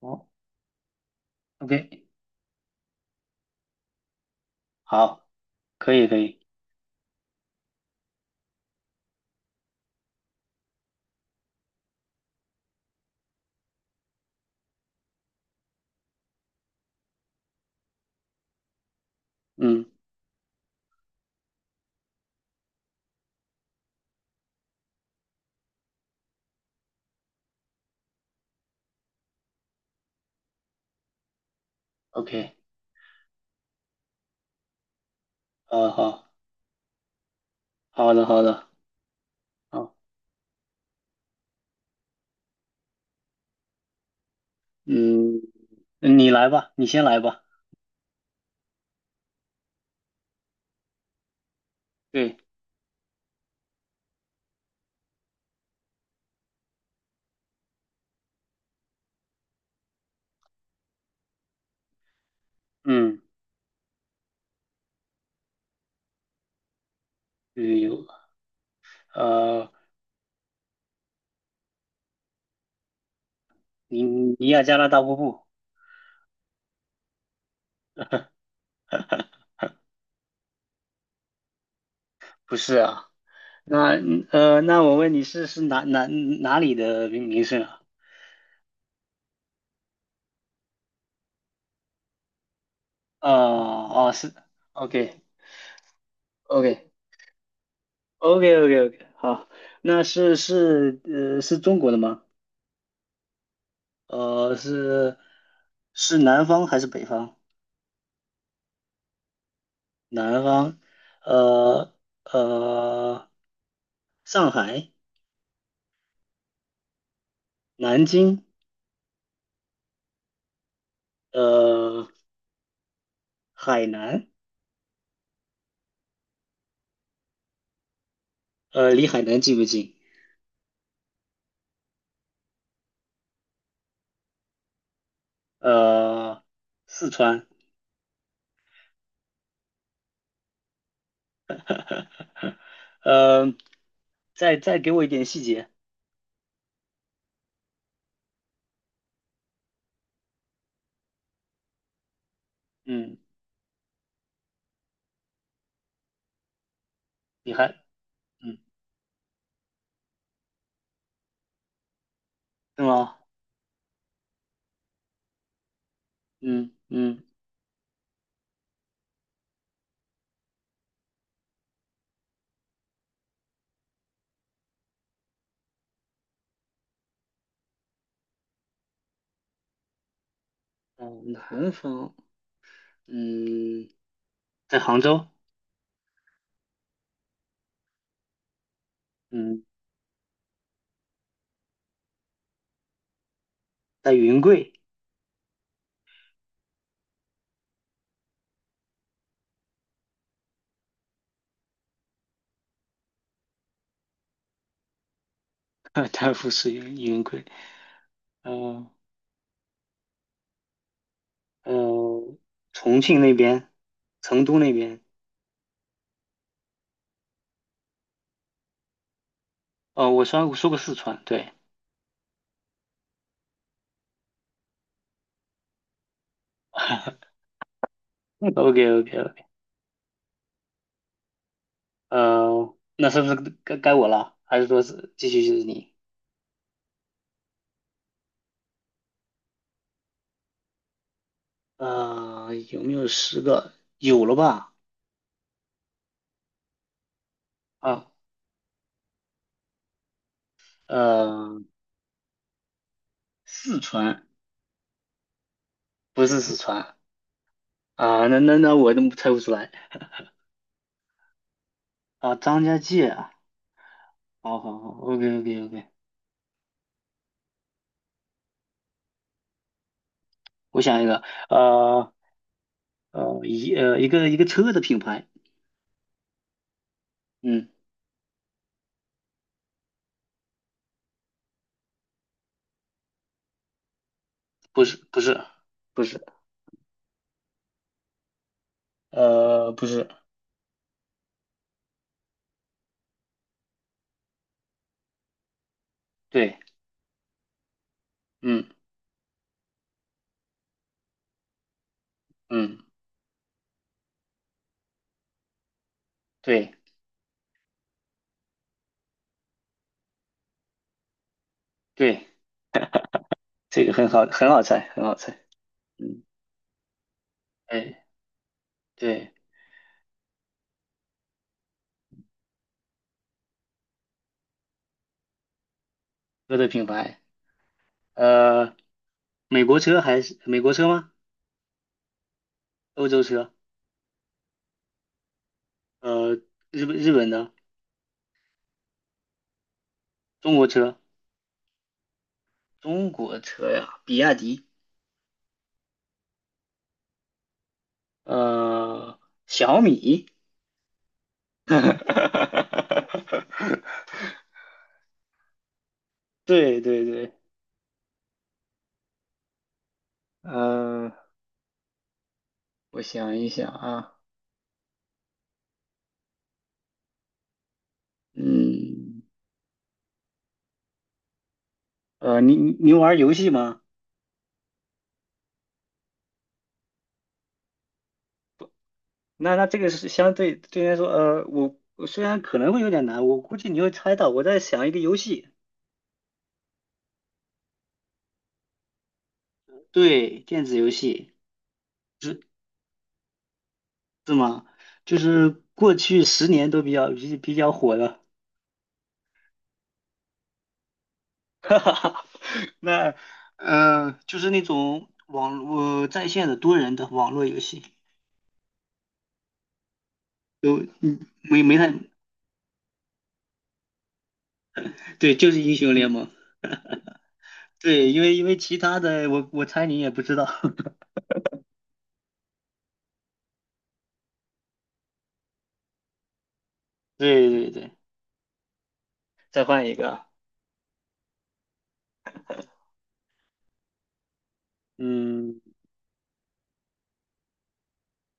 哦，OK，好，可以可以，嗯，OK，好好好的好的，好，嗯，你来吧，你先来吧，对，嗯，对，有，呃，尼亚加拉大瀑布，不是啊，那那我问你是是哪里的名胜啊？哦哦是，OK OK OK OK OK，好，那是中国的吗？呃是是南方还是北方？南方，呃呃，上海、南京，呃，海南，呃，离海南近不近？呃，四川，呃，再给我一点细节。嗯，你还，嗯，对吗？嗯嗯，哦，南方，嗯，在杭州，嗯，在云贵，太富是云贵，嗯、呃、嗯、重庆那边，成都那边。哦，我说过四川，对 ，OK OK OK，那是不是该我了？还是说是继续就是你？呃，有没有十个？有了吧？啊，呃，四川不是四川啊，那我怎么猜不出来啊，张家界啊，好好好，OK OK OK，我想一个，呃一个车的品牌，嗯，不是不是不是，呃不是，对，嗯嗯对对。这个很好，很好猜，很好猜。嗯，哎，对，车的品牌，呃，美国车吗？欧洲车？呃，日本的？中国车？中国车呀，比亚迪，呃，小米。对对对，呃，我想一想啊，嗯，呃，你你你玩游戏吗？那那这个是相对对你来说，呃，我虽然可能会有点难，我估计你会猜到。我在想一个游戏，对，电子游戏是吗？就是过去十年都比较火的。那呃，就是那种网络在线的多人的网络游戏，有嗯没没太对，就是英雄联盟。对，因为其他的我猜你也不知道。对对对，再换一个，嗯，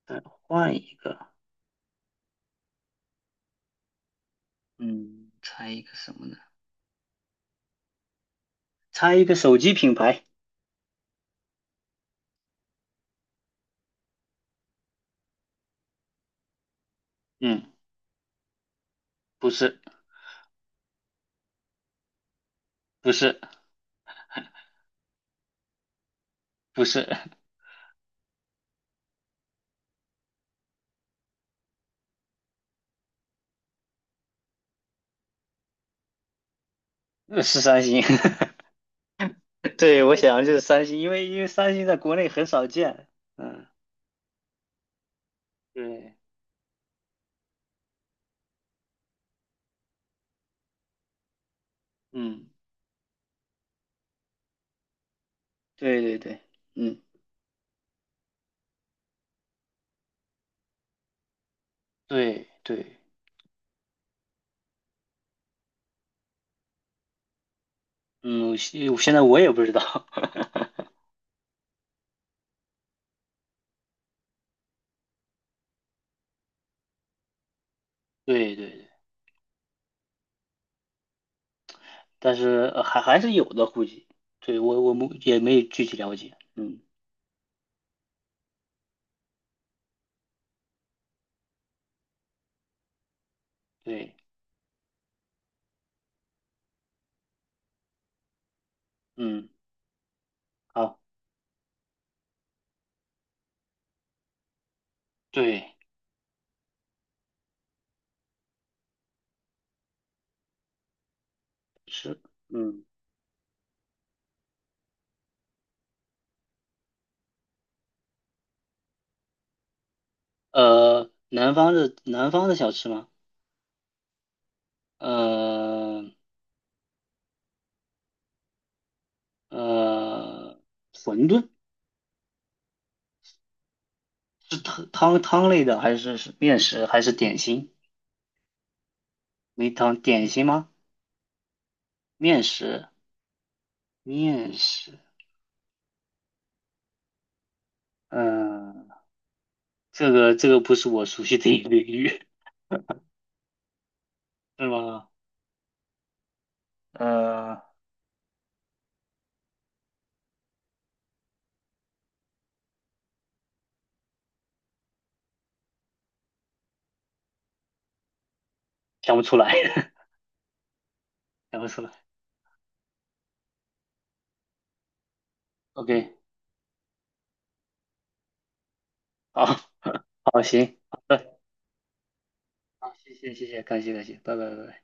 再换一个，嗯，猜一个什么呢？猜一个手机品牌。嗯，不是，不是，不是，三星。对，我想就是三星，因为三星在国内很少见。嗯，对，嗯，对对对，嗯对对嗯，我现在我也不知道，对对对，但是还还是有的，估计。对，我我们也没有具体了解。嗯对嗯，好，对，是，嗯，呃，南方的小吃吗？嗯。呃，馄饨是汤类的，还是面食，还是点心？没汤点心吗？面食，面食。嗯、这个不是我熟悉的一个领域，是吗？呃 想不出来，想不出来。OK，好，好，行，好的，好，谢谢，谢谢，感谢，感谢，拜拜，拜拜。